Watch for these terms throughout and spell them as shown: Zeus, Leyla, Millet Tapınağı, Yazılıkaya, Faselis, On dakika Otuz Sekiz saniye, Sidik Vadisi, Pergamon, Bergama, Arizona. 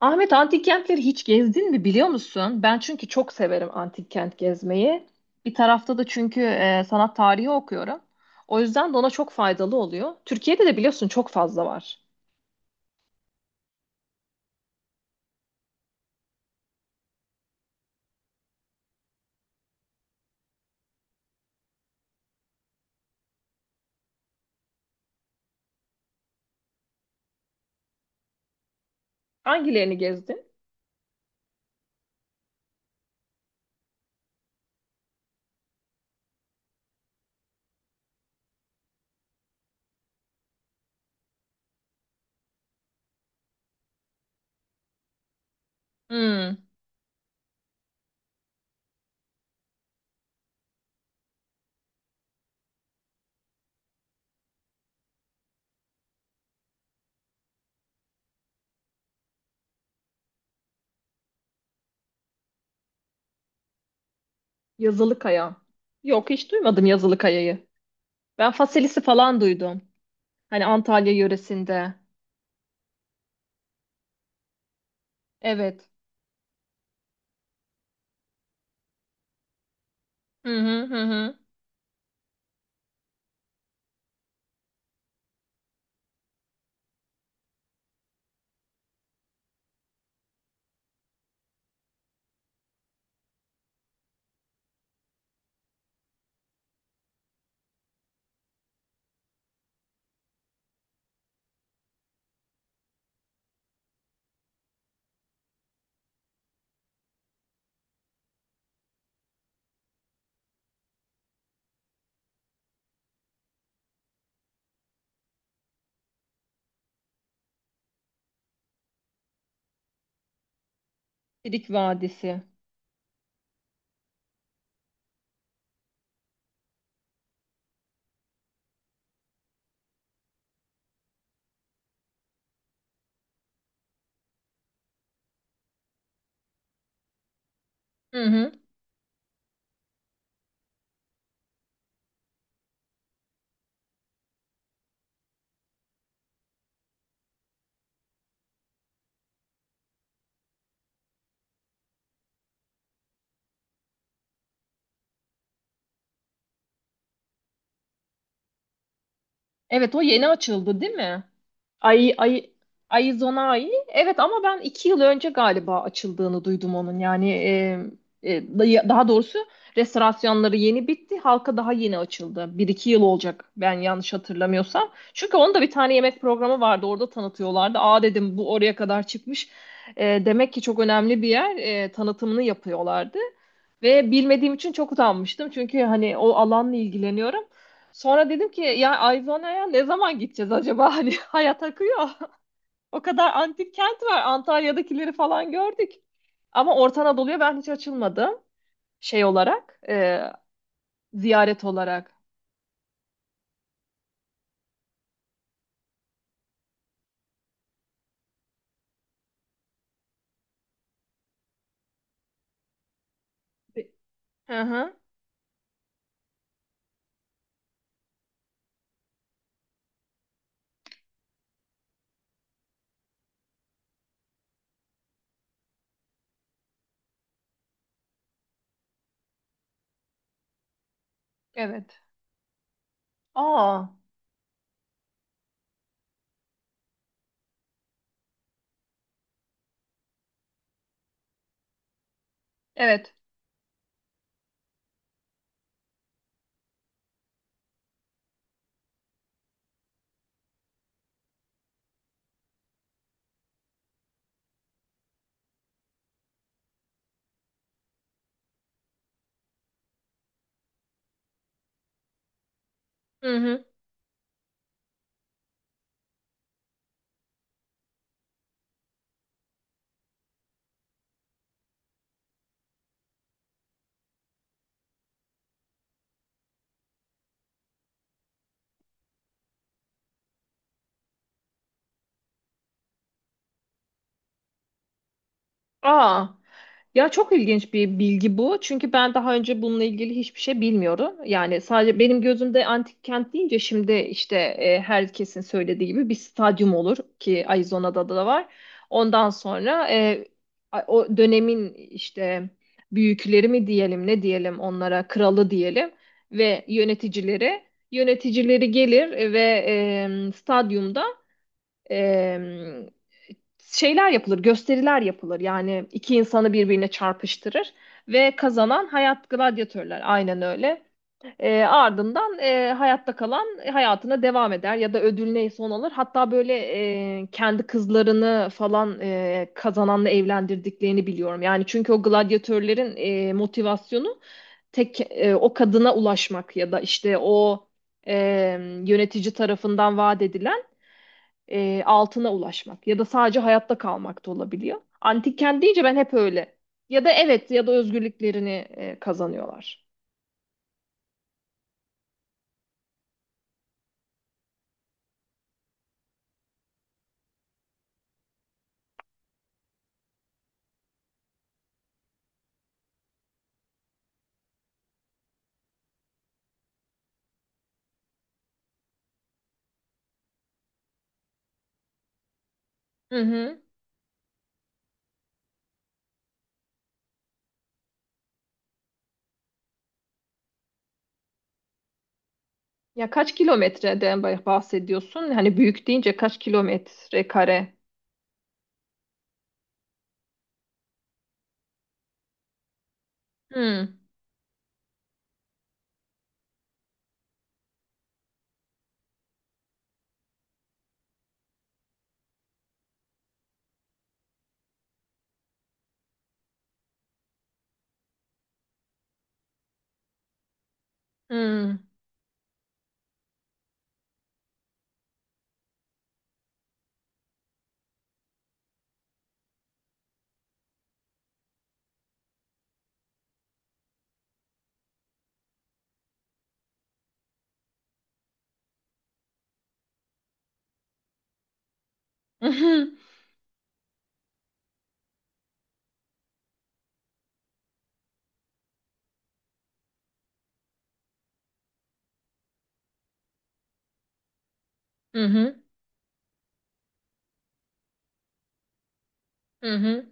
Ahmet, antik kentleri hiç gezdin mi, biliyor musun? Ben çünkü çok severim antik kent gezmeyi. Bir tarafta da çünkü sanat tarihi okuyorum. O yüzden de ona çok faydalı oluyor. Türkiye'de de biliyorsun çok fazla var. Hangilerini gezdin? Hmm. Yazılıkaya. Yok, hiç duymadım Yazılıkaya'yı. Ben Faselis'i falan duydum. Hani Antalya yöresinde. Evet. Hı hı hı hı. Sidik Vadisi. Hı hı. Evet, o yeni açıldı değil mi? Ay, ay, Arizona ayı. Evet, ama ben 2 yıl önce galiba açıldığını duydum onun. Daha doğrusu restorasyonları yeni bitti. Halka daha yeni açıldı. 1-2 yıl olacak ben yanlış hatırlamıyorsam. Çünkü onun da bir tane yemek programı vardı. Orada tanıtıyorlardı. Aa, dedim, bu oraya kadar çıkmış. Demek ki çok önemli bir yer. Tanıtımını yapıyorlardı. Ve bilmediğim için çok utanmıştım. Çünkü hani o alanla ilgileniyorum. Sonra dedim ki, ya Arizona'ya ne zaman gideceğiz acaba? Hani hayat akıyor. O kadar antik kent var. Antalya'dakileri falan gördük. Ama Orta Anadolu'ya ben hiç açılmadım. Şey olarak, ziyaret olarak. Hı hı. Evet. Aa, evet. Hı hı. Aa. Ya, çok ilginç bir bilgi bu. Çünkü ben daha önce bununla ilgili hiçbir şey bilmiyorum. Yani sadece benim gözümde antik kent deyince şimdi işte, herkesin söylediği gibi bir stadyum olur ki Arizona'da da var. Ondan sonra o dönemin işte büyükleri mi diyelim, ne diyelim, onlara kralı diyelim ve yöneticileri, gelir ve stadyumda e, şeyler yapılır, gösteriler yapılır. Yani iki insanı birbirine çarpıştırır ve kazanan hayat gladyatörler. Aynen öyle. Ardından hayatta kalan hayatına devam eder ya da ödül neyse onu alır. Hatta böyle kendi kızlarını falan kazananla evlendirdiklerini biliyorum. Yani çünkü o gladyatörlerin motivasyonu tek, o kadına ulaşmak ya da işte e, yönetici tarafından vaat edilen altına ulaşmak ya da sadece hayatta kalmak da olabiliyor. Antik kent deyince ben hep öyle. Ya da evet, ya da özgürlüklerini kazanıyorlar. Hı hı. Ya kaç kilometreden bahsediyorsun? Hani büyük deyince kaç kilometre kare? Hı hı. Hı hı. Hı hı. Hı hı.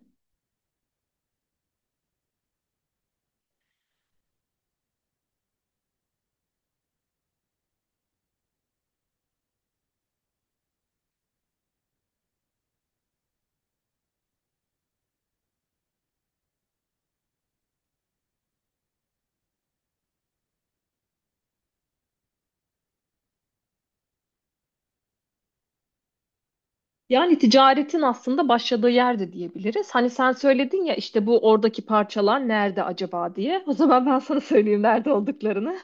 Yani ticaretin aslında başladığı yerde diyebiliriz. Hani sen söyledin ya, işte bu oradaki parçalar nerede acaba diye. O zaman ben sana söyleyeyim nerede olduklarını.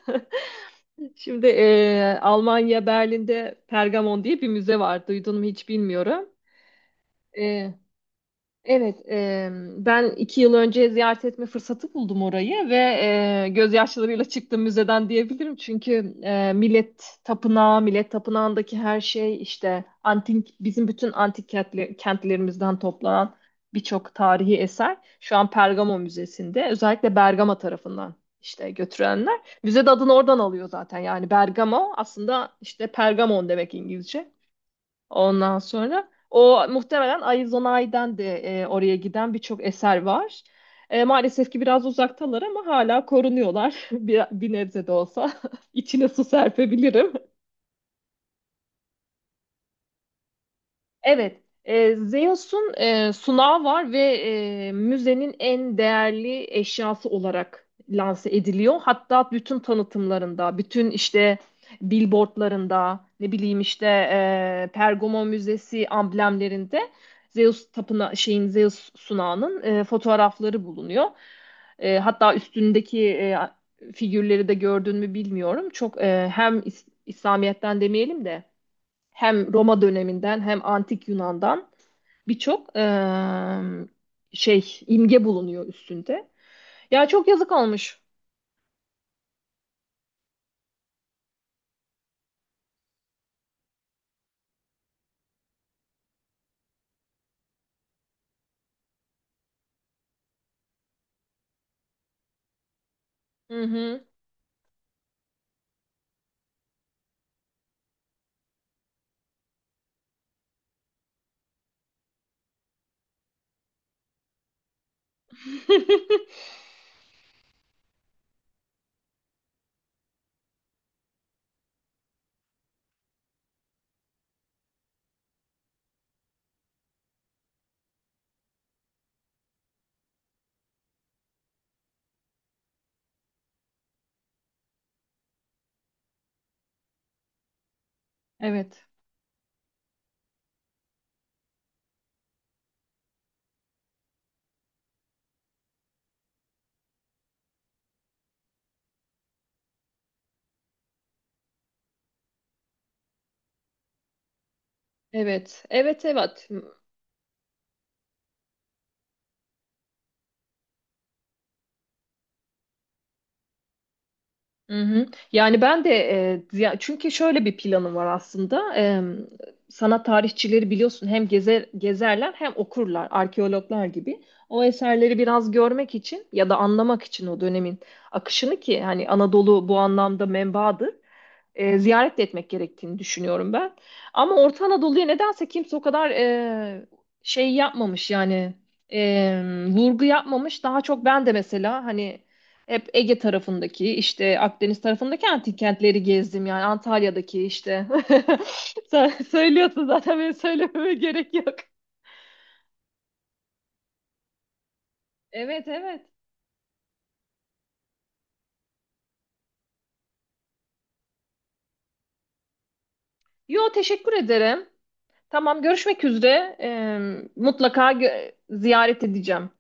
Şimdi Almanya, Berlin'de Pergamon diye bir müze var. Duydun mu hiç, bilmiyorum. E, Evet. Ben iki yıl önce ziyaret etme fırsatı buldum orayı ve gözyaşlarıyla çıktım müzeden diyebilirim. Çünkü Millet Tapınağı, Millet Tapınağı'ndaki her şey işte antik, bizim bütün kentlerimizden toplanan birçok tarihi eser şu an Pergamo Müzesi'nde. Özellikle Bergama tarafından işte götürenler. Müze de adını oradan alıyor zaten. Yani Bergamo aslında işte Pergamon demek, İngilizce. Ondan sonra o muhtemelen Arizona'dan de oraya giden birçok eser var. Maalesef ki biraz uzaktalar ama hala korunuyorlar bir, bir nebze de olsa. İçine su serpebilirim. Evet, Zeus'un sunağı var ve müzenin en değerli eşyası olarak lanse ediliyor. Hatta bütün tanıtımlarında, bütün işte billboardlarında, ne bileyim işte, Pergamon Müzesi amblemlerinde Zeus tapına şeyin Zeus sunağının fotoğrafları bulunuyor. Hatta üstündeki figürleri de gördün mü bilmiyorum. Çok hem İslamiyet'ten demeyelim de hem Roma döneminden hem antik Yunan'dan birçok şey, imge bulunuyor üstünde. Ya çok yazık olmuş. Hı hı. Evet. Evet. Evet, evet. Hı hı. Yani ben de çünkü şöyle bir planım var aslında. Sanat tarihçileri biliyorsun hem gezer, gezerler hem okurlar, arkeologlar gibi. O eserleri biraz görmek için ya da anlamak için o dönemin akışını, ki hani Anadolu bu anlamda menbaadır, ziyaret de etmek gerektiğini düşünüyorum ben. Ama Orta Anadolu'ya nedense kimse o kadar şey yapmamış yani, e, vurgu yapmamış. Daha çok ben de mesela hani hep Ege tarafındaki işte Akdeniz tarafındaki antik kentleri gezdim, yani Antalya'daki işte. Sen söylüyorsun zaten, benim söylememe gerek yok. Evet, evet. Yo, teşekkür ederim. Tamam, görüşmek üzere. Mutlaka ziyaret edeceğim.